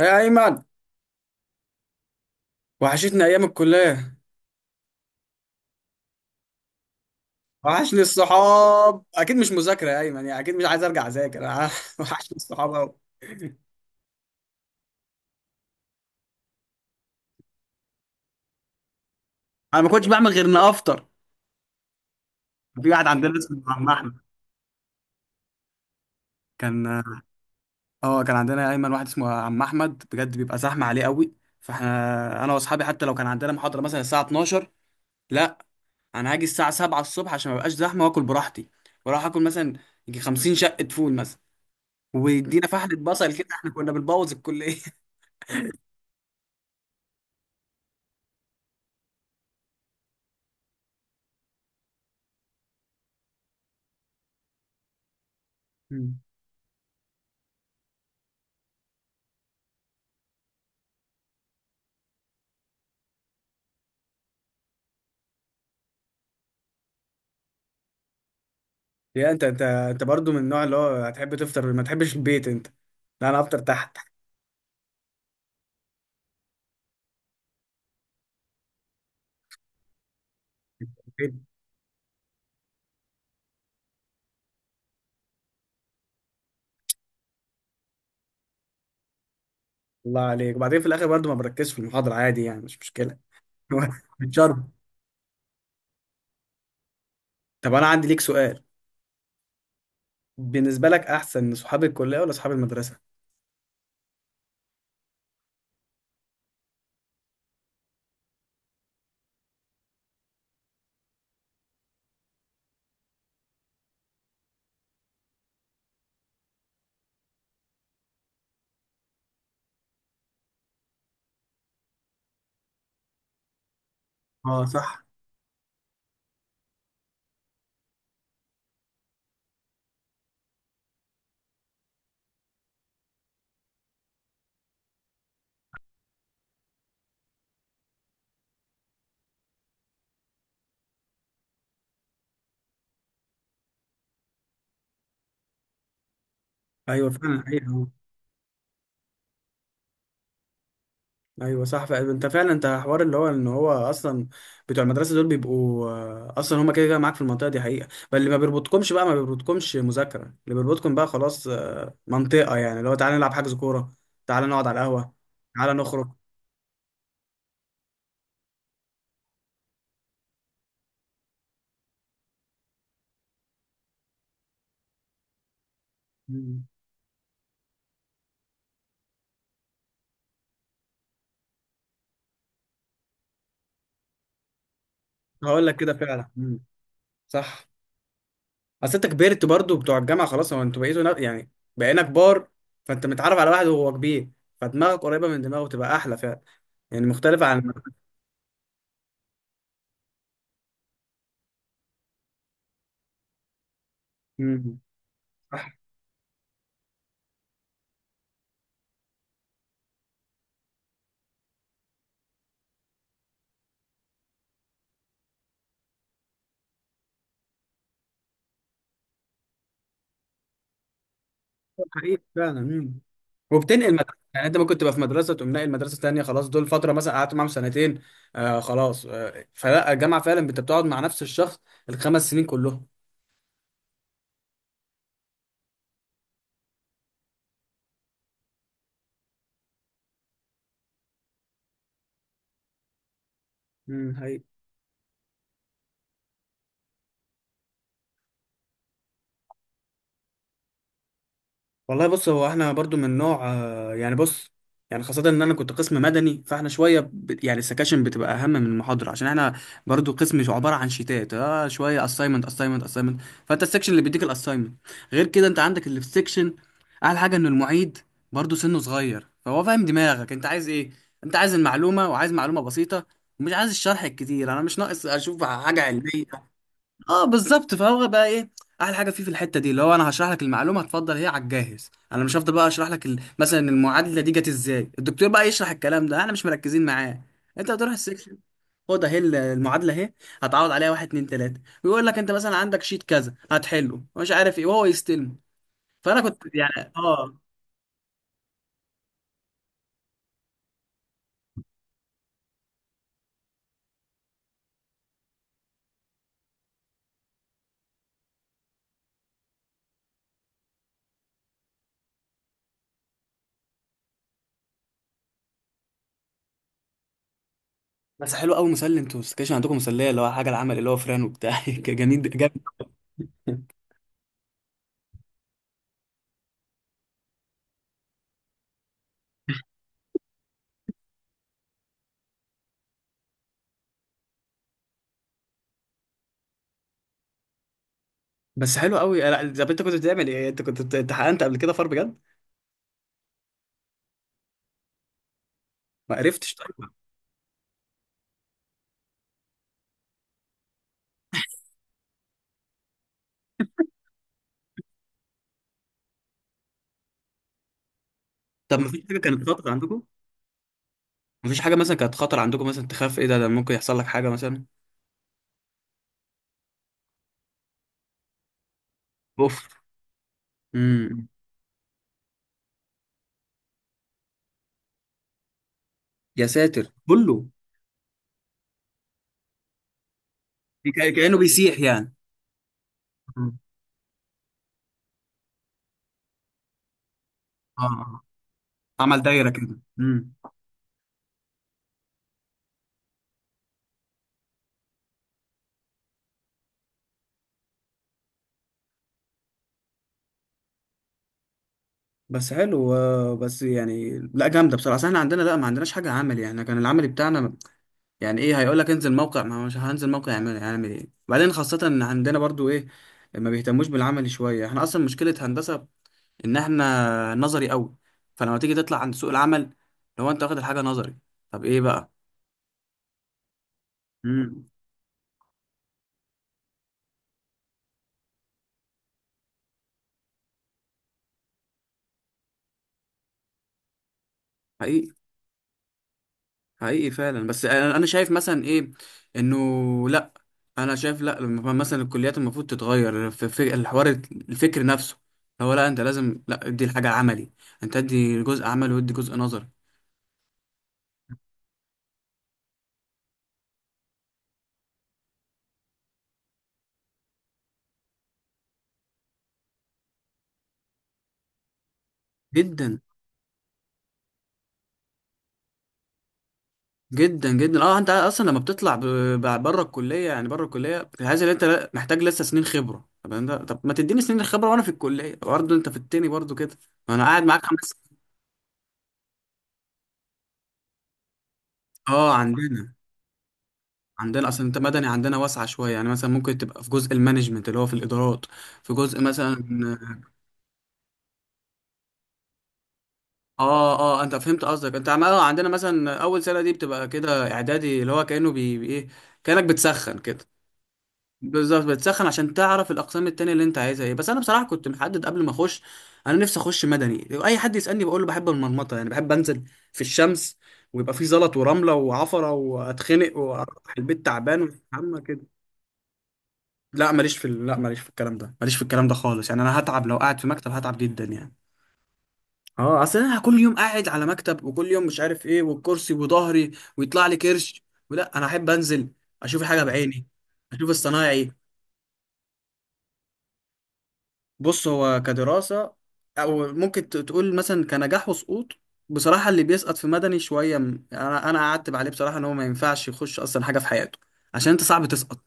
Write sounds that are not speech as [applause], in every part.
يا ايمن، وحشتني ايام الكليه. وحشني الصحاب اكيد، مش مذاكره يا ايمن، يعني اكيد مش عايز ارجع اذاكر أنا. [laughs] وحشني الصحاب قوي. انا ما كنتش بعمل غير اني افطر. في واحد عندنا اسمه عم احمد كان. اه، كان عندنا يا ايمن واحد اسمه عم احمد، بجد بيبقى زحمه عليه قوي. فاحنا انا واصحابي حتى لو كان عندنا محاضره مثلا الساعه 12، لا، انا هاجي الساعه 7 الصبح عشان ما بقاش زحمه واكل براحتي. واروح اكل مثلا، يجي 50 شقه فول مثلا، ويدينا فحله بصل كده. احنا كنا بنبوظ الكليه. [laughs] يا انت، انت برضو من النوع اللي هو هتحب تفطر، ما تحبش البيت انت؟ لا، انا افطر تحت البيت. الله عليك. وبعدين في الاخر برضو ما بركزش في المحاضره عادي، يعني مش مشكله. [laughs] بتشرب. طب انا عندي ليك سؤال، بالنسبه لك احسن صحاب الكليه ولا صحاب المدرسه؟ اه صح. ايوه فعلا، ايوه. ايوه صح فعلا، انت فعلا انت حوار اللي هو ان هو اصلا بتوع المدرسه دول بيبقوا آه، اصلا هما كده كده معاك في المنطقه دي حقيقه، فاللي ما بيربطكمش بقى ما بيربطكمش مذاكره، اللي بيربطكم بقى خلاص آه، منطقه، يعني اللي هو تعالى نلعب حجز كوره، تعالى نقعد على القهوه، تعالى نخرج. مم. هقول لك كده فعلا. مم. صح. اصل انت كبرت، برضو بتوع الجامعه خلاص، هو يعني بقينا كبار، فانت متعرف على واحد وهو كبير، فدماغك قريبه من دماغه، تبقى احلى فعلا، يعني مختلفه عن. مم. صح. حقيقي فعلا. مم. وبتنقل مدرسه، يعني انت ممكن تبقى في مدرسه تقوم ناقل مدرسه تانيه، خلاص دول فتره مثلا قعدت معاهم سنتين. آه خلاص، آه فلا الجامعه فعلا انت بتقعد مع نفس الشخص الخمس سنين كلهم. امم. والله بص، هو احنا برضو من نوع آه، بص، يعني خاصة ان انا كنت قسم مدني، فاحنا شوية يعني السكاشن بتبقى اهم من المحاضرة عشان احنا برضو قسم عبارة عن شيتات، اه شوية اساينمنت، فانت السكشن اللي بيديك الاساينمنت. غير كده انت عندك اللي في السكشن احلى حاجة ان المعيد برضو سنه صغير، فهو فاهم دماغك انت عايز ايه. انت عايز المعلومة، وعايز معلومة بسيطة ومش عايز الشرح الكتير، انا مش ناقص اشوف حاجة علمية. اه بالظبط، فهو بقى ايه احلى حاجه فيه في الحته دي، اللي هو انا هشرح لك المعلومه هتفضل هي على الجاهز، انا مش هفضل بقى اشرح لك مثلا المعادله دي جت ازاي. الدكتور بقى يشرح الكلام ده احنا مش مركزين معاه، انت بتروح السكشن خد اهي المعادله اهي، هتعوض عليها واحد اتنين تلاته، ويقول لك انت مثلا عندك شيت كذا هتحله مش عارف ايه، وهو يستلم. فانا كنت يعني اه. بس حلو قوي مسلي، انتوا السكشن عندكم مسليه، اللي هو حاجه العمل اللي هو فران وبتاع. [laughs] جميل جامد. بس حلو قوي، لا. طب انت كنت بتعمل ايه؟ انت كنت امتحنت قبل كده فار بجد؟ ما عرفتش طيب. طب مفيش حاجة كانت خطر عندكم؟ مفيش حاجة مثلا كانت خطر عندكم، مثلا تخاف ايه، ده ده ممكن يحصل لك حاجة مثلا؟ اوف. امم. يا ساتر كله. كأنه بيسيح يعني. مم. اه اه. عمل دايرة كده. امم. بس حلو آه، بس يعني لا جامدة بصراحة. أصل احنا عندنا لا، ما عندناش حاجة عملي، يعني إحنا كان العملي بتاعنا يعني ايه، هيقول لك انزل موقع، ما هو مش هنزل موقع يعمل يعمل ايه؟ بعدين خاصة ان عندنا برضو ايه، ما بيهتموش بالعملي شوية. احنا اصلا مشكلة هندسة ان احنا نظري قوي، فلما تيجي تطلع عند سوق العمل لو انت واخد الحاجه نظري، طب ايه بقى؟ امم. حقيقي، حقيقي فعلا. بس انا، أنا شايف مثلا ايه، انه لا، انا شايف لا، لما مثلا الكليات المفروض تتغير في في الحوار الفكر نفسه، هو لا انت لازم لا ادي الحاجه عملي، انت ادي جزء عملي وادي جزء نظري. جدا. جدا جدا. اه انت اصلا لما بتطلع بره الكليه، يعني بره الكليه عايز ان انت محتاج لسه سنين خبره، طب انت طب ما تديني سنين الخبره وانا في الكليه برضه، انت في التاني برضه كده، ما انا قاعد معاك خمس. اه عندنا. عندنا اصلا انت مدني، عندنا واسعه شويه، يعني مثلا ممكن تبقى في جزء المانجمنت اللي هو في الادارات، في جزء مثلا. اه اه آه، انت فهمت قصدك. آه، عندنا مثلا اول سنه دي بتبقى كده اعدادي، اللي هو كانه ايه، كانك بتسخن كده. بالظبط، بتسخن عشان تعرف الاقسام التانية اللي انت عايزها ايه. بس انا بصراحه كنت محدد قبل ما اخش، انا نفسي اخش مدني. اي حد يسالني بقول له بحب المرمطه، يعني بحب انزل في الشمس، ويبقى في زلط ورمله وعفره واتخنق واروح البيت تعبان، وحمى كده. لا ماليش في لا ماليش في الكلام ده، ماليش في الكلام ده خالص، يعني انا هتعب لو قاعد في مكتب، هتعب جدا يعني. اه، اصل انا كل يوم قاعد على مكتب، وكل يوم مش عارف ايه، والكرسي وظهري، ويطلع لي كرش. ولا انا احب انزل اشوف حاجه بعيني، اشوف الصنايعي. بص هو كدراسة، أو ممكن تقول مثلا كنجاح وسقوط، بصراحة اللي بيسقط في مدني شوية أنا أعتب عليه بصراحة إن هو ما ينفعش يخش أصلا حاجة في حياته، عشان أنت صعب تسقط.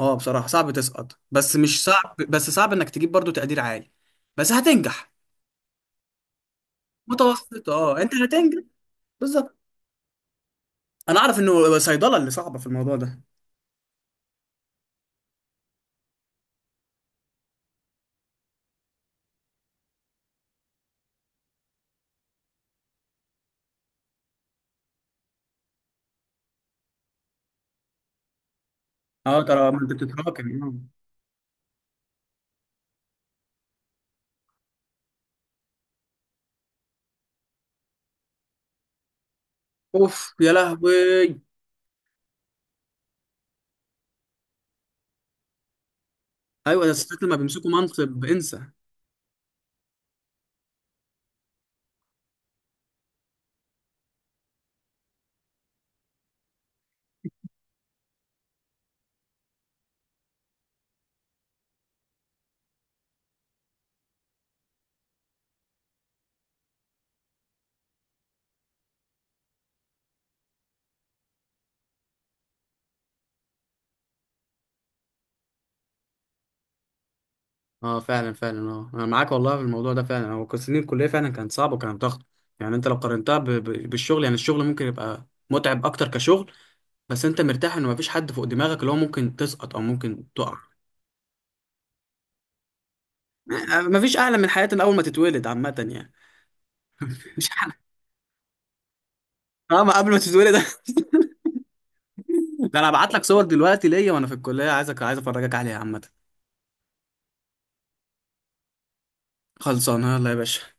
أه بصراحة صعب تسقط، بس مش صعب، بس صعب إنك تجيب برضو تقدير عالي، بس هتنجح. متوسط، أه أنت هتنجح، بالظبط. أنا أعرف إنه صيدلة اللي صعبة في الموضوع ده. أه ترى ما أنت بتتراكم أه. أوف يا لهوي. أيوة ده الستات لما بيمسكوا منصب انسى. اه فعلا فعلا، اه انا معاك والله في الموضوع ده فعلا، هو كان سنين الكليه فعلا كانت صعبه، وكانت ضغط. يعني انت لو قارنتها بالشغل، يعني الشغل ممكن يبقى متعب اكتر كشغل، بس انت مرتاح ان مفيش حد فوق دماغك اللي هو ممكن تسقط او ممكن تقع. آه، مفيش اعلى من حياتنا اول ما تتولد عامه يعني. [laughs] مش اعلى. اه، ما قبل ما تتولد. [laughs] ده انا هبعت لك صور دلوقتي ليا وانا في الكليه، عايزك عايز افرجك عليها عامه. خلصانه يلا يا باشا.